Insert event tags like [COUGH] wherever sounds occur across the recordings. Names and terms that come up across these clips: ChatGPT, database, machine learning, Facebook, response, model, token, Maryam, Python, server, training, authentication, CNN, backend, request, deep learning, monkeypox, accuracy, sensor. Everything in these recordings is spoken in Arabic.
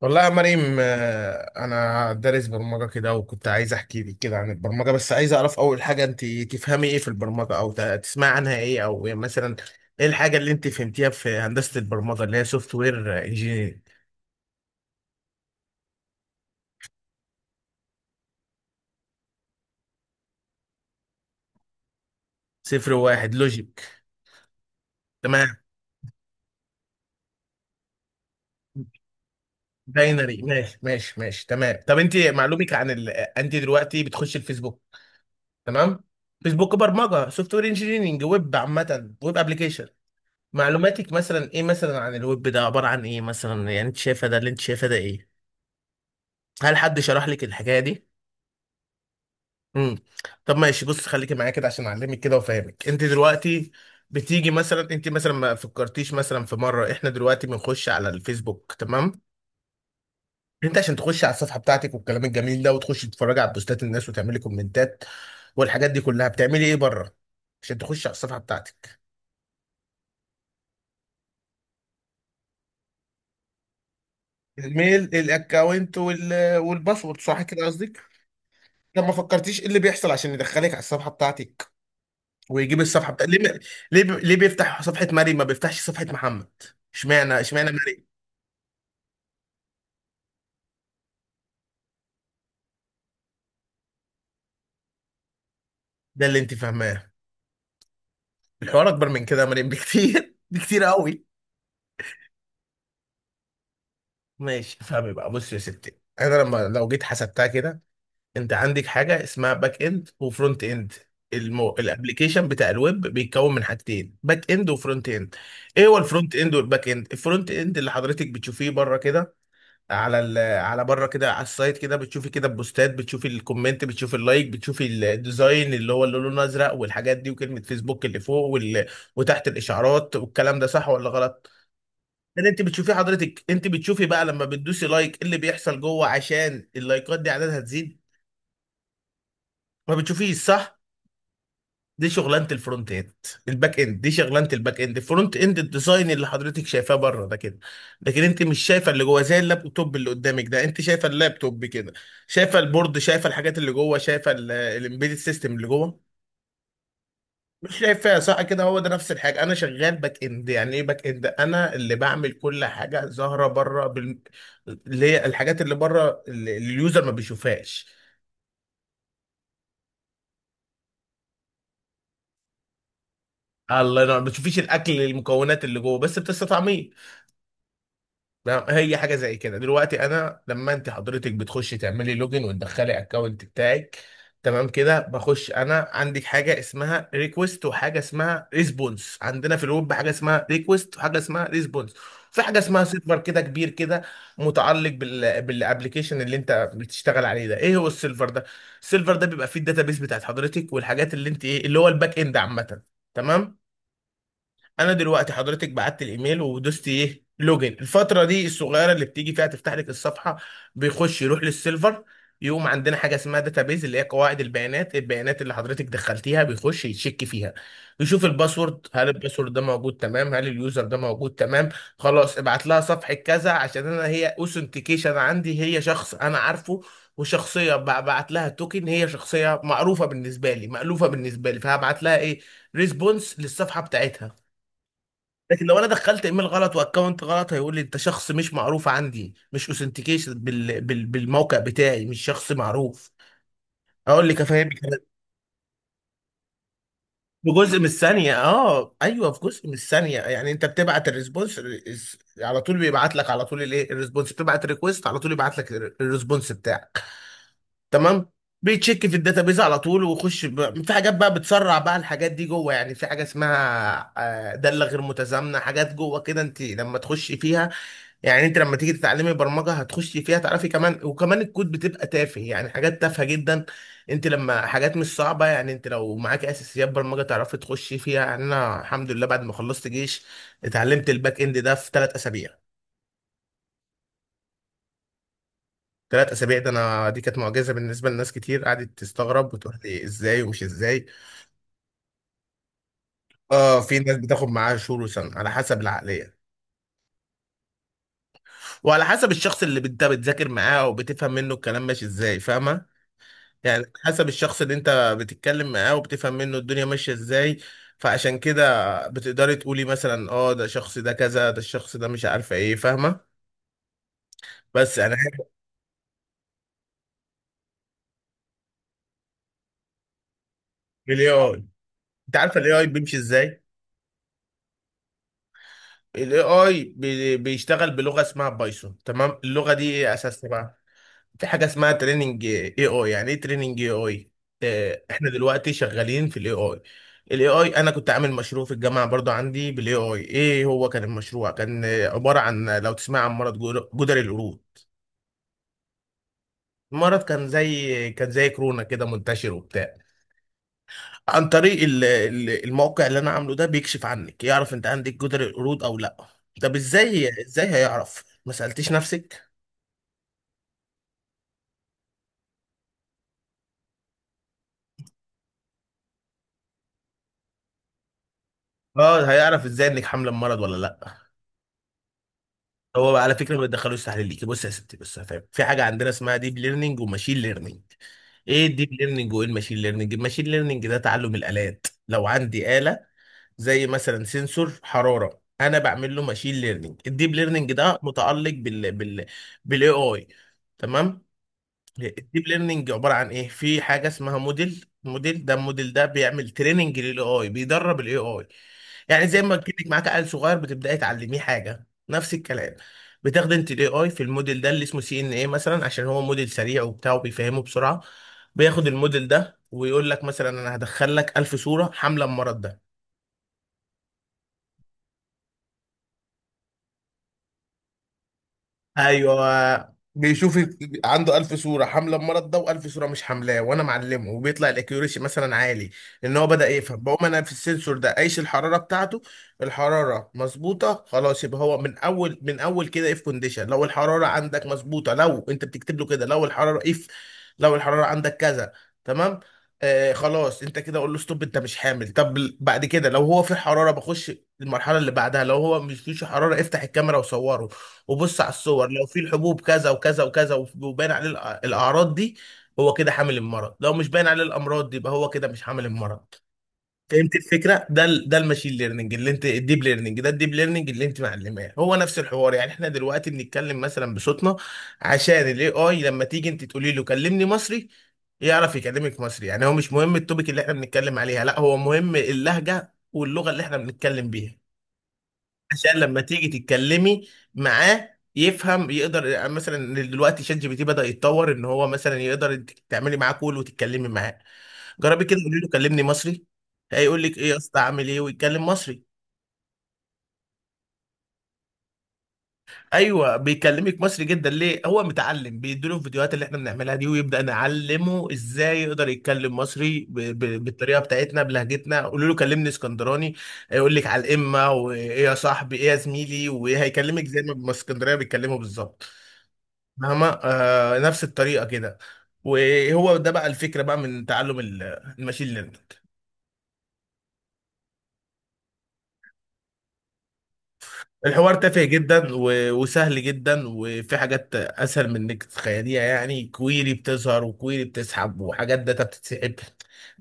والله يا مريم آه، انا دارس برمجه كده وكنت عايز احكي لك كده عن البرمجه، بس عايز اعرف اول حاجه انت تفهمي ايه في البرمجه او تسمعي عنها ايه، او يعني مثلا ايه الحاجه اللي انت فهمتيها في هندسه البرمجه اللي هي سوفت وير انجينير. صفر واحد لوجيك. تمام. باينري. ماشي ماشي ماشي، تمام. طب انت معلومك عن انت دلوقتي بتخش الفيسبوك؟ تمام. فيسبوك برمجه، سوفت وير انجينيرنج، ويب عامه، ويب ابلكيشن. معلوماتك مثلا ايه مثلا عن الويب، ده عبارة عن ايه مثلا؟ يعني انت شايفه ده، اللي انت شايفه ده ايه؟ هل حد شرح لك الحكاية دي؟ امم طب ماشي، بص خليكي معايا كده عشان اعلمك كده وافهمك. انت دلوقتي بتيجي مثلا، انت مثلا ما فكرتيش مثلا في مرة، احنا دلوقتي بنخش على الفيسبوك تمام، انت عشان تخش على الصفحة بتاعتك والكلام الجميل ده، وتخش تتفرج على بوستات الناس وتعملي كومنتات والحاجات دي كلها، بتعملي ايه بره عشان تخش على الصفحة بتاعتك؟ الميل الاكونت والباسورد، صح كده قصدك؟ طب ما فكرتيش ايه اللي بيحصل عشان يدخلك على الصفحه بتاعتك ويجيب الصفحه بتاعتك؟ ليه ما- ليه بيفتح صفحه مريم ما بيفتحش صفحه محمد؟ اشمعنى اشمعنى مريم؟ ده اللي انت فاهماه؟ الحوار اكبر من كده يا مريم بكتير [LAUGHS] بكتير قوي. ماشي، فاهمي بقى، بص يا ستي، انا لما لو جيت حسبتها كده، انت عندك حاجه اسمها باك اند وفرونت اند. الابليكيشن بتاع الويب بيتكون من حاجتين: باك اند وفرونت اند. ايه هو الفرونت اند والباك اند؟ الفرونت اند اللي حضرتك بتشوفيه بره كده، على على بره كده، على السايت كده، بتشوفي كده البوستات، بتشوفي الكومنت، بتشوفي اللايك، بتشوفي الديزاين اللي هو اللي لونه ازرق والحاجات دي، وكلمه فيسبوك اللي فوق وتحت الاشعارات والكلام ده، صح ولا غلط؟ لان انت بتشوفي، حضرتك انت بتشوفي بقى لما بتدوسي لايك إيه اللي بيحصل جوه عشان اللايكات دي عددها تزيد؟ ما بتشوفيش صح؟ دي شغلانه الفرونت اند، الباك اند. دي شغلانه الباك اند. الفرونت اند الديزاين اللي حضرتك شايفاه بره ده كده، لكن انت مش شايفه اللي جوه، زي اللابتوب اللي قدامك ده، انت شايفه اللابتوب كده، شايفه البورد، شايفه الحاجات اللي جوه، شايفه الامبيدد سيستم اللي جوه، مش شايفها صح كده؟ هو ده نفس الحاجه. انا شغال باك اند، يعني ايه باك اند؟ انا اللي بعمل كل حاجه ظاهره بره اللي هي الحاجات اللي بره اللي اليوزر ما بيشوفهاش. الله ينور. ما بتشوفيش الاكل، المكونات اللي جوه، بس بتستطعميه. لا، هي حاجه زي كده. دلوقتي انا لما انت حضرتك بتخشي تعملي لوجن وتدخلي اكونت بتاعك، تمام كده، بخش، انا عندك حاجه اسمها ريكوست وحاجه اسمها ريسبونس. عندنا في الويب حاجه اسمها ريكوست وحاجه اسمها ريسبونس. في حاجه اسمها سيرفر، كده كبير كده، متعلق بال بالابلكيشن اللي انت بتشتغل عليه ده. ايه هو السيرفر ده؟ السيرفر ده بيبقى فيه الداتابيس بتاعت حضرتك والحاجات اللي انت ايه، اللي هو الباك اند عامه. تمام. انا دلوقتي حضرتك بعت الايميل ودوست ايه، لوجن، الفتره دي الصغيره اللي بتيجي فيها تفتح لك الصفحه، بيخش يروح للسيلفر، يقوم عندنا حاجه اسمها داتابيز اللي هي قواعد البيانات. البيانات اللي حضرتك دخلتيها بيخش يتشك فيها، يشوف الباسورد، هل الباسورد ده موجود؟ تمام. هل اليوزر ده موجود؟ تمام. خلاص، ابعت لها صفحه كذا، عشان انا هي اوثنتيكيشن عندي، هي شخص انا عارفه وشخصيه، ببعت لها توكن، هي شخصيه معروفه بالنسبه لي، مألوفه بالنسبه لي، فهبعت لها ايه؟ ريسبونس للصفحه بتاعتها. لكن لو انا دخلت ايميل غلط واكونت غلط، هيقول لي انت شخص مش معروف عندي، مش اوثنتيكيشن بالموقع بتاعي، مش شخص معروف. اقول لك افهمك أنا. في جزء من الثانيه، اه ايوه، في جزء من الثانيه. يعني انت بتبعت الريسبونس، على طول بيبعت لك على طول الايه الريسبونس، بتبعت ريكويست على طول يبعت لك الريسبونس بتاعك. تمام. بيتشيك في الداتابيز على طول ويخش في حاجات بقى بتسرع بقى، الحاجات دي جوه يعني. في حاجه اسمها آه، داله غير متزامنه، حاجات جوه كده انت لما تخشي فيها، يعني انت لما تيجي تتعلمي برمجه هتخشي فيها تعرفي كمان وكمان. الكود بتبقى تافه، يعني حاجات تافهه جدا، انت لما حاجات مش صعبه، يعني انت لو معاكي اساسيات برمجه تعرفي تخشي فيها. يعني انا الحمد لله، بعد ما خلصت جيش اتعلمت الباك اند ده في 3 اسابيع. 3 اسابيع ده، انا دي كانت معجزه بالنسبه لناس كتير، قعدت تستغرب وتقول لي ازاي ومش ازاي. اه، في ناس بتاخد معاها شهور وسنه، على حسب العقليه وعلى حسب الشخص اللي انت بتذاكر معاه او بتفهم منه الكلام ماشي ازاي، فاهمه؟ يعني حسب الشخص اللي انت بتتكلم معاه وبتفهم منه الدنيا ماشية ازاي. فعشان كده بتقدري تقولي مثلا اه، ده الشخص ده كذا، ده الشخص ده مش عارفه ايه، فاهمة؟ بس انا الاي اي، انت عارفة الاي اي بيمشي ازاي؟ الاي اي بيشتغل بلغة اسمها بايثون، تمام. اللغة دي ايه اساسها بقى؟ في حاجه اسمها تريننج اي اي. يعني ايه تريننج اي اي؟ احنا دلوقتي شغالين في الاي اي. الاي اي، انا كنت عامل مشروع في الجامعه برضو عندي بالاي اي. ايه هو كان المشروع؟ كان آه، عباره عن، لو تسمع عن مرض جدري القرود، المرض كان زي كان زي كورونا كده، منتشر وبتاع. عن طريق الموقع اللي انا عامله ده بيكشف عنك، يعرف انت عندك جدري القرود او لا. طب ازاي ازاي هيعرف، ما سالتيش نفسك؟ اه، هيعرف ازاي انك حامله المرض ولا لا؟ هو على فكره ما بيدخلوش تحليل ليكي. بص يا ستي، بص هفهم، في حاجه عندنا اسمها ديب ليرنينج وماشين ليرنينج. ايه الديب ليرنينج وايه الماشين ليرنينج؟ الماشين ليرنينج ده تعلم الالات، لو عندي اله زي مثلا سنسور حراره انا بعمل له ماشين ليرنينج. الديب ليرنينج ده متعلق بال بال بالاي اي، تمام. الديب ليرنينج عباره عن ايه؟ في حاجه اسمها موديل. موديل ده، الموديل ده بيعمل تريننج للاي اي، بيدرب الاي اي. يعني زي ما كنت معاك عيل صغير بتبداي تعلميه حاجه، نفس الكلام. بتاخدي انت الاي اي في الموديل ده اللي اسمه سي ان اي مثلا، عشان هو موديل سريع وبتاع وبيفهمه بسرعه. بياخد الموديل ده ويقول لك مثلا انا هدخل لك 1000 صوره حامله المرض ده، ايوه بيشوف، عنده ألف صورة حاملة المرض ده وألف صورة مش حاملاه، وأنا معلمه، وبيطلع الأكيوريشي مثلا عالي، لأن هو بدأ يفهم. بقوم أنا في السنسور ده قايس الحرارة بتاعته، الحرارة مظبوطة، خلاص يبقى هو من أول من أول كده إف كونديشن، لو الحرارة عندك مظبوطة، لو أنت بتكتب له كده لو الحرارة إف، لو الحرارة عندك كذا، تمام، آه خلاص انت كده قول له ستوب، انت مش حامل. طب بعد كده لو هو في حراره، بخش المرحله اللي بعدها، لو هو مش فيش حراره، افتح الكاميرا وصوره وبص على الصور، لو في الحبوب كذا وكذا وكذا وباين عليه الاعراض دي، هو كده حامل المرض. لو مش باين عليه الامراض دي يبقى هو كده مش حامل المرض. فهمت الفكره؟ ده الماشين ليرنينج اللي انت، الديب ليرنينج ده، الديب ليرنينج اللي انت معلماه، هو نفس الحوار. يعني احنا دلوقتي بنتكلم مثلا بصوتنا، عشان الاي اي لما تيجي انت تقولي له كلمني مصري، يعرف يكلمك مصري. يعني هو مش مهم التوبيك اللي احنا بنتكلم عليها، لا، هو مهم اللهجه واللغه اللي احنا بنتكلم بيها. عشان لما تيجي تتكلمي معاه يفهم يقدر. يعني مثلا دلوقتي شات جي بي تي بدأ يتطور ان هو مثلا يقدر انت تعملي معاه كول وتتكلمي معاه. جربي كده، قولي له كلمني مصري، هيقول لك ايه يا اسطى عامل ايه، ويتكلم مصري. ايوه، بيكلمك مصري جدا. ليه؟ هو متعلم، بيديله الفيديوهات اللي احنا بنعملها دي ويبدأ نعلمه ازاي يقدر يتكلم مصري بالطريقه بتاعتنا بلهجتنا. قولوا له كلمني اسكندراني، هيقول لك على الامه، وايه يا صاحبي، ايه يا زميلي، وايه، هيكلمك زي ما الاسكندريه بيتكلموا بالظبط. مهما آه، نفس الطريقه كده. وهو ده بقى الفكره بقى من تعلم الماشين ليرنينج. الحوار تافه جدا وسهل جدا، وفي حاجات اسهل من انك تتخيليها، يعني كويري بتظهر وكويري بتسحب وحاجات داتا بتتسحب.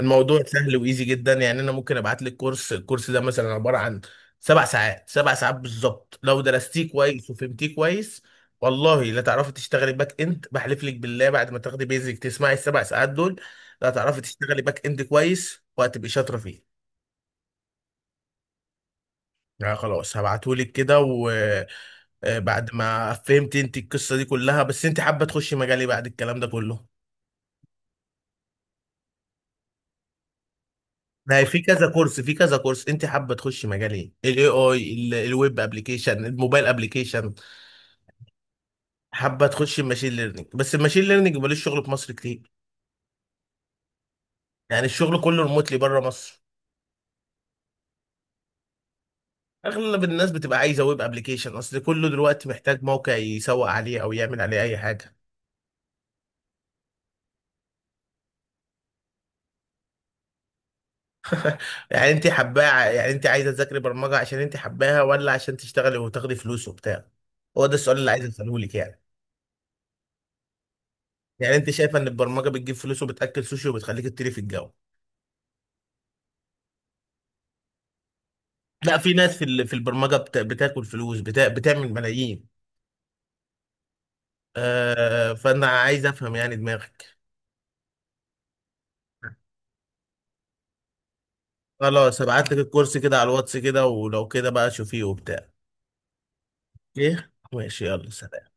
الموضوع سهل وايزي جدا. يعني انا ممكن ابعت لك كورس، الكورس ده مثلا عباره عن 7 ساعات، 7 ساعات بالظبط، لو درستيه كويس وفهمتيه كويس، والله لا تعرفي تشتغلي باك اند. بحلف لك بالله، بعد ما تاخدي بيزك تسمعي ال7 ساعات دول، لا تعرفي تشتغلي باك اند كويس، وهتبقي شاطره فيه. يعني خلاص هبعتهولك كده و آه، بعد ما فهمت انت القصه دي كلها، بس انت حابه تخشي مجال ايه بعد الكلام ده كله؟ ما هي في كذا كورس، في كذا كورس. انت حابه تخشي مجال ايه، الاي اي، الويب ابلكيشن، الموبايل ابلكيشن؟ حابه تخشي الماشين ليرنينج؟ بس الماشين ليرنينج ملوش شغل في مصر كتير، يعني الشغل كله ريموتلي بره مصر. اغلب الناس بتبقى عايزه ويب ابلكيشن، اصل كله دلوقتي محتاج موقع يسوق عليه او يعمل عليه اي حاجه. يعني انت حباه، يعني انت عايزه تذاكري برمجه عشان انت حباها، ولا عشان تشتغلي وتاخدي فلوس وبتاع؟ هو ده السؤال اللي عايز اساله لك يعني. يعني انت شايفه ان البرمجه بتجيب فلوس وبتاكل سوشي وبتخليك تطيري في الجو؟ لا، في ناس في في البرمجه بتاكل فلوس، بتا بتعمل ملايين. آه، فانا عايز افهم يعني دماغك. خلاص هبعت لك الكورس كده على الواتس كده، ولو كده بقى شوفيه وبتاع. ايه، ماشي، يلا سلام.